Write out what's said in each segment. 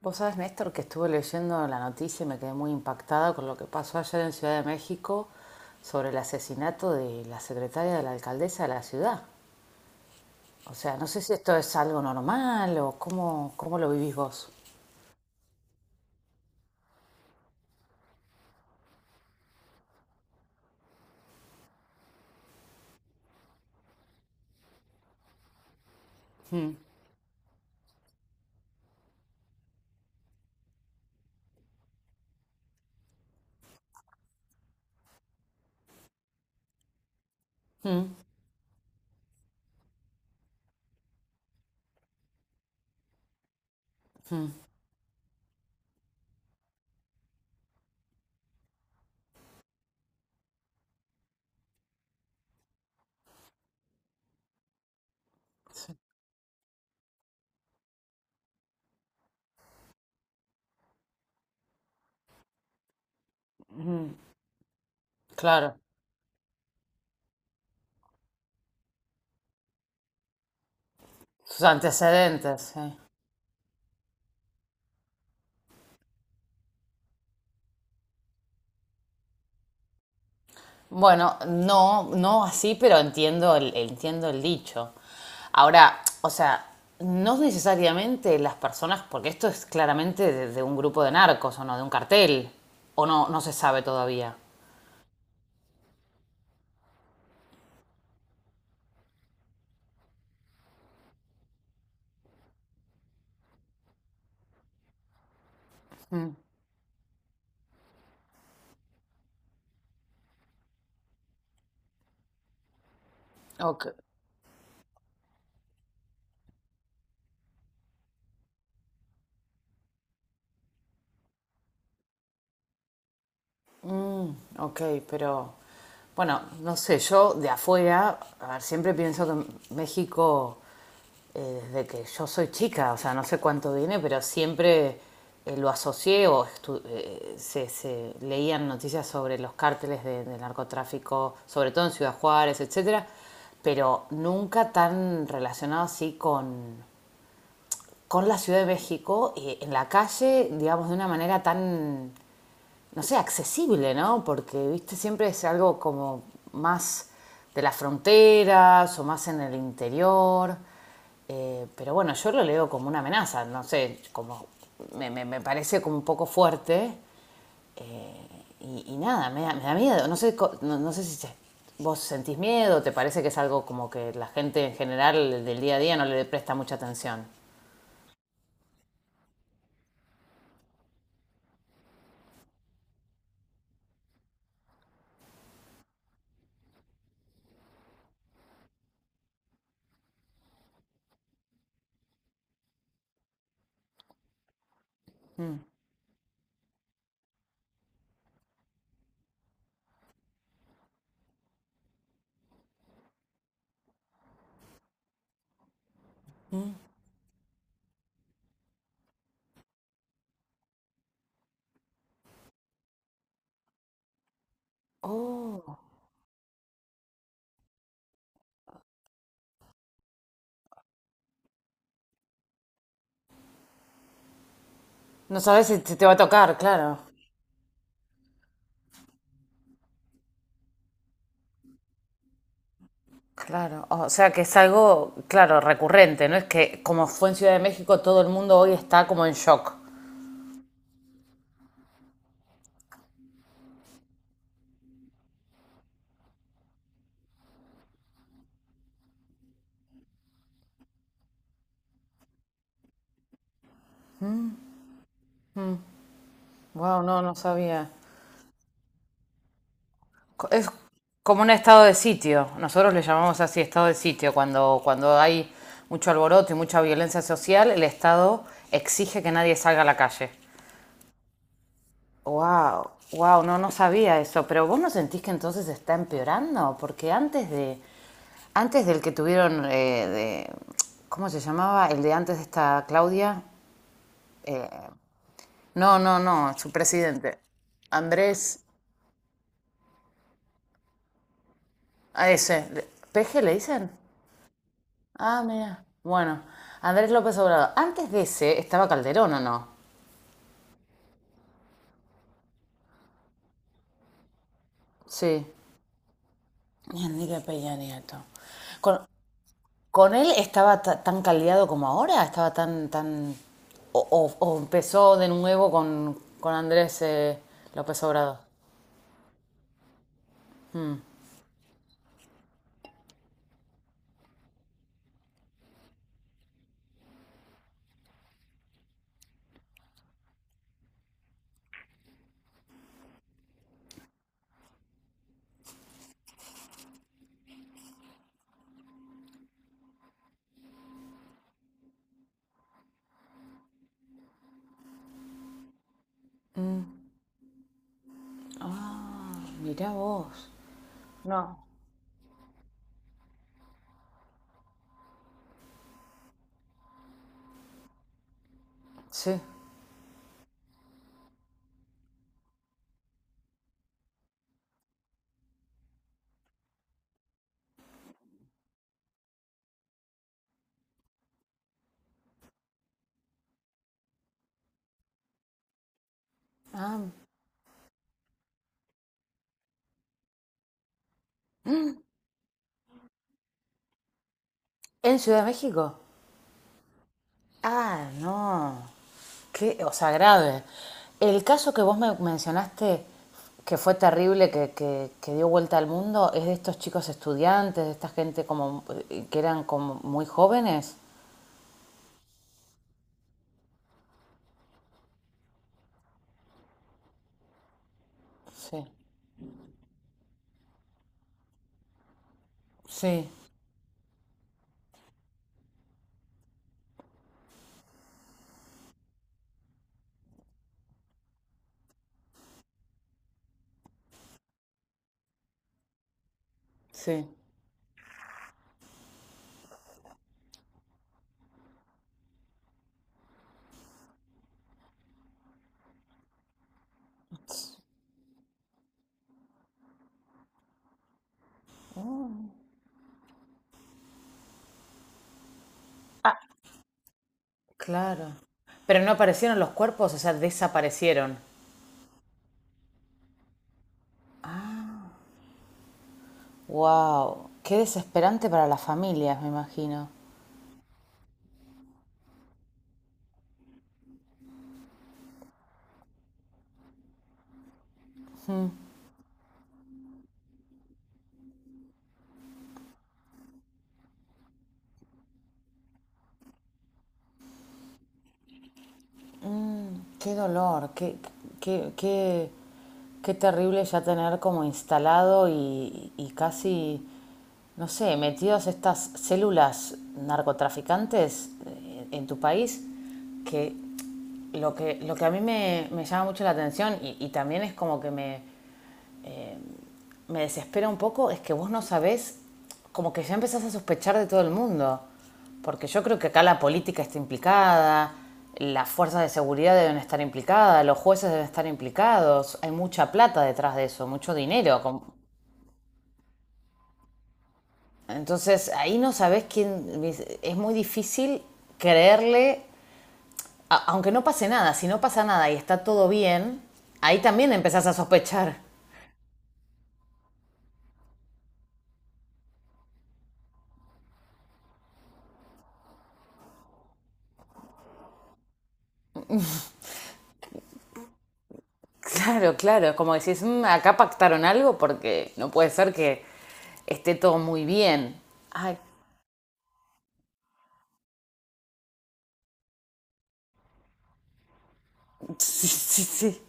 Vos sabés, Néstor, que estuve leyendo la noticia y me quedé muy impactada con lo que pasó ayer en Ciudad de México sobre el asesinato de la secretaria de la alcaldesa de la ciudad. O sea, no sé si esto es algo normal o cómo lo vivís vos. Mm, mm, mm, sí, mm, claro, sus antecedentes, sí. Bueno, no, no así, pero entiendo el dicho. Ahora, o sea, no necesariamente las personas, porque esto es claramente de un grupo de narcos o no, de un cartel, o no, no se sabe todavía. Ok. Ok, pero bueno, no sé, yo de afuera, a ver, siempre pienso que México, desde que yo soy chica, o sea, no sé cuánto viene, pero siempre lo asocié o se leían noticias sobre los cárteles de narcotráfico, sobre todo en Ciudad Juárez, etcétera, pero nunca tan relacionado así con la Ciudad de México, en la calle, digamos, de una manera tan no sé, accesible, ¿no? Porque, viste, siempre es algo como más de las fronteras o más en el interior. Pero bueno, yo lo leo como una amenaza, no sé, como me parece como un poco fuerte y nada, me da miedo. No sé, no, no sé si vos sentís miedo, te parece que es algo como que la gente en general del día a día no le presta mucha atención. Oh. No sabes si te va a tocar, claro. Claro, o sea que es algo, claro, recurrente, ¿no? Es que como fue en Ciudad de México, todo el mundo hoy está como en shock. Wow, no, no sabía. Es como un estado de sitio. Nosotros le llamamos así estado de sitio. Cuando hay mucho alboroto y mucha violencia social, el Estado exige que nadie salga a la calle. Wow, wow, no, no sabía eso. Pero vos no sentís que entonces está empeorando, porque antes de, antes del que tuvieron de, ¿cómo se llamaba? El de antes de esta Claudia. No, no, no, su presidente. Andrés, a ese, le- ¿PG le dicen? Ah, mira. Bueno, Andrés López Obrador. Antes de ese estaba Calderón, ¿o no? Sí. Y Enrique Peña Nieto. ¿Con, con él estaba tan caldeado como ahora? ¿Estaba tan, tan... o, o empezó de nuevo con Andrés López Obrador? Mirá vos. No. Sí. Ah, ¿en Ciudad de México? Ah, no. Qué, o sea, grave. El caso que vos me mencionaste, que fue terrible, que dio vuelta al mundo, es de estos chicos estudiantes, de esta gente como que eran como muy jóvenes. Sí, sí, sí, claro. Pero no aparecieron los cuerpos, o sea, desaparecieron. Wow, qué desesperante para las familias, me imagino. Qué dolor, qué, qué, qué terrible ya tener como instalado y casi no sé, metidos estas células narcotraficantes en tu país, que lo que, lo que a mí me llama mucho la atención y también es como que me desespera un poco, es que vos no sabés, como que ya empezás a sospechar de todo el mundo, porque yo creo que acá la política está implicada, las fuerzas de seguridad deben estar implicadas, los jueces deben estar implicados, hay mucha plata detrás de eso, mucho dinero. Como- Entonces ahí no sabes quién. Es muy difícil creerle, aunque no pase nada. Si no pasa nada y está todo bien, ahí también empezás a sospechar. Claro, claro, es como decís, "Mm, acá pactaron algo porque no puede ser que esté todo muy bien". Ay, sí, sí, sí.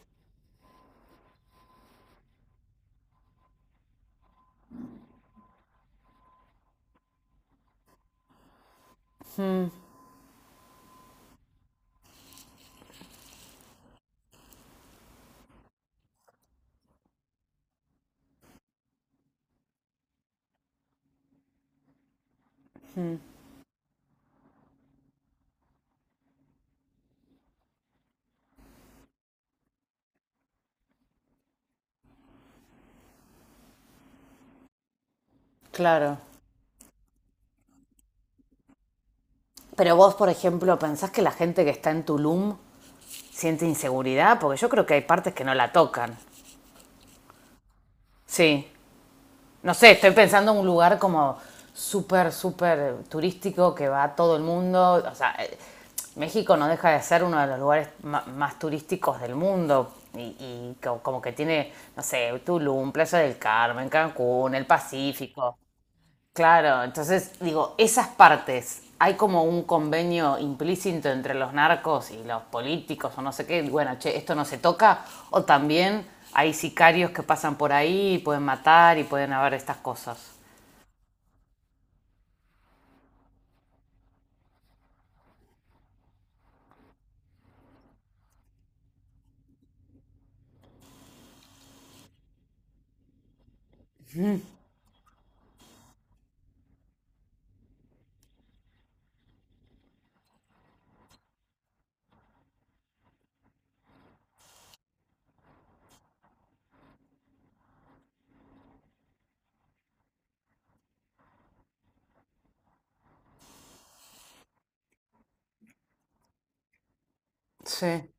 Claro. Pero vos, por ejemplo, ¿pensás que la gente que está en Tulum siente inseguridad? Porque yo creo que hay partes que no la tocan. Sí. No sé, estoy pensando en un lugar como súper, súper turístico que va a todo el mundo. O sea, México no deja de ser uno de los lugares más turísticos del mundo. Y como que tiene, no sé, Tulum, Playa del Carmen, Cancún, el Pacífico. Claro, entonces digo, esas partes, hay como un convenio implícito entre los narcos y los políticos o no sé qué, bueno, che, esto no se toca, o también hay sicarios que pasan por ahí y pueden matar y pueden haber estas cosas. Sí.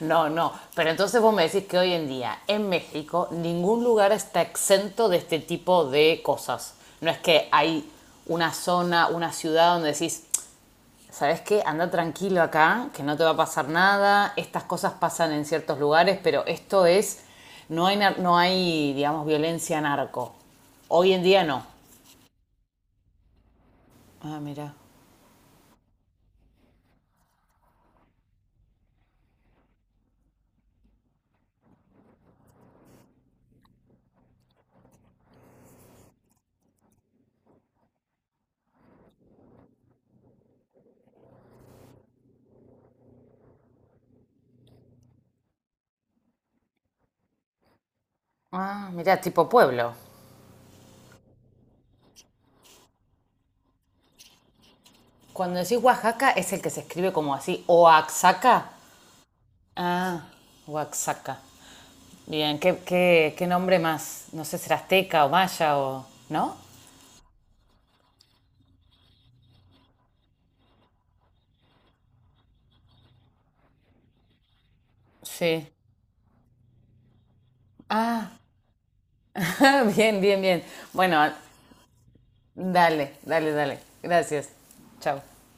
No, no, pero entonces vos me decís que hoy en día en México ningún lugar está exento de este tipo de cosas. No es que hay una zona, una ciudad donde decís, ¿Sabes qué? Anda tranquilo acá, que no te va a pasar nada. Estas cosas pasan en ciertos lugares, pero esto es. No hay, no hay digamos, violencia narco. Hoy en día no. Ah, mira. Ah, mira, tipo pueblo. Cuando decís Oaxaca es el que se escribe como así, Oaxaca. Ah, Oaxaca. Bien, ¿qué, qué, qué nombre más? No sé, será azteca o maya o... ¿No? Sí. Ah, bien, bien, bien. Bueno, dale, dale, dale. Gracias. Chao.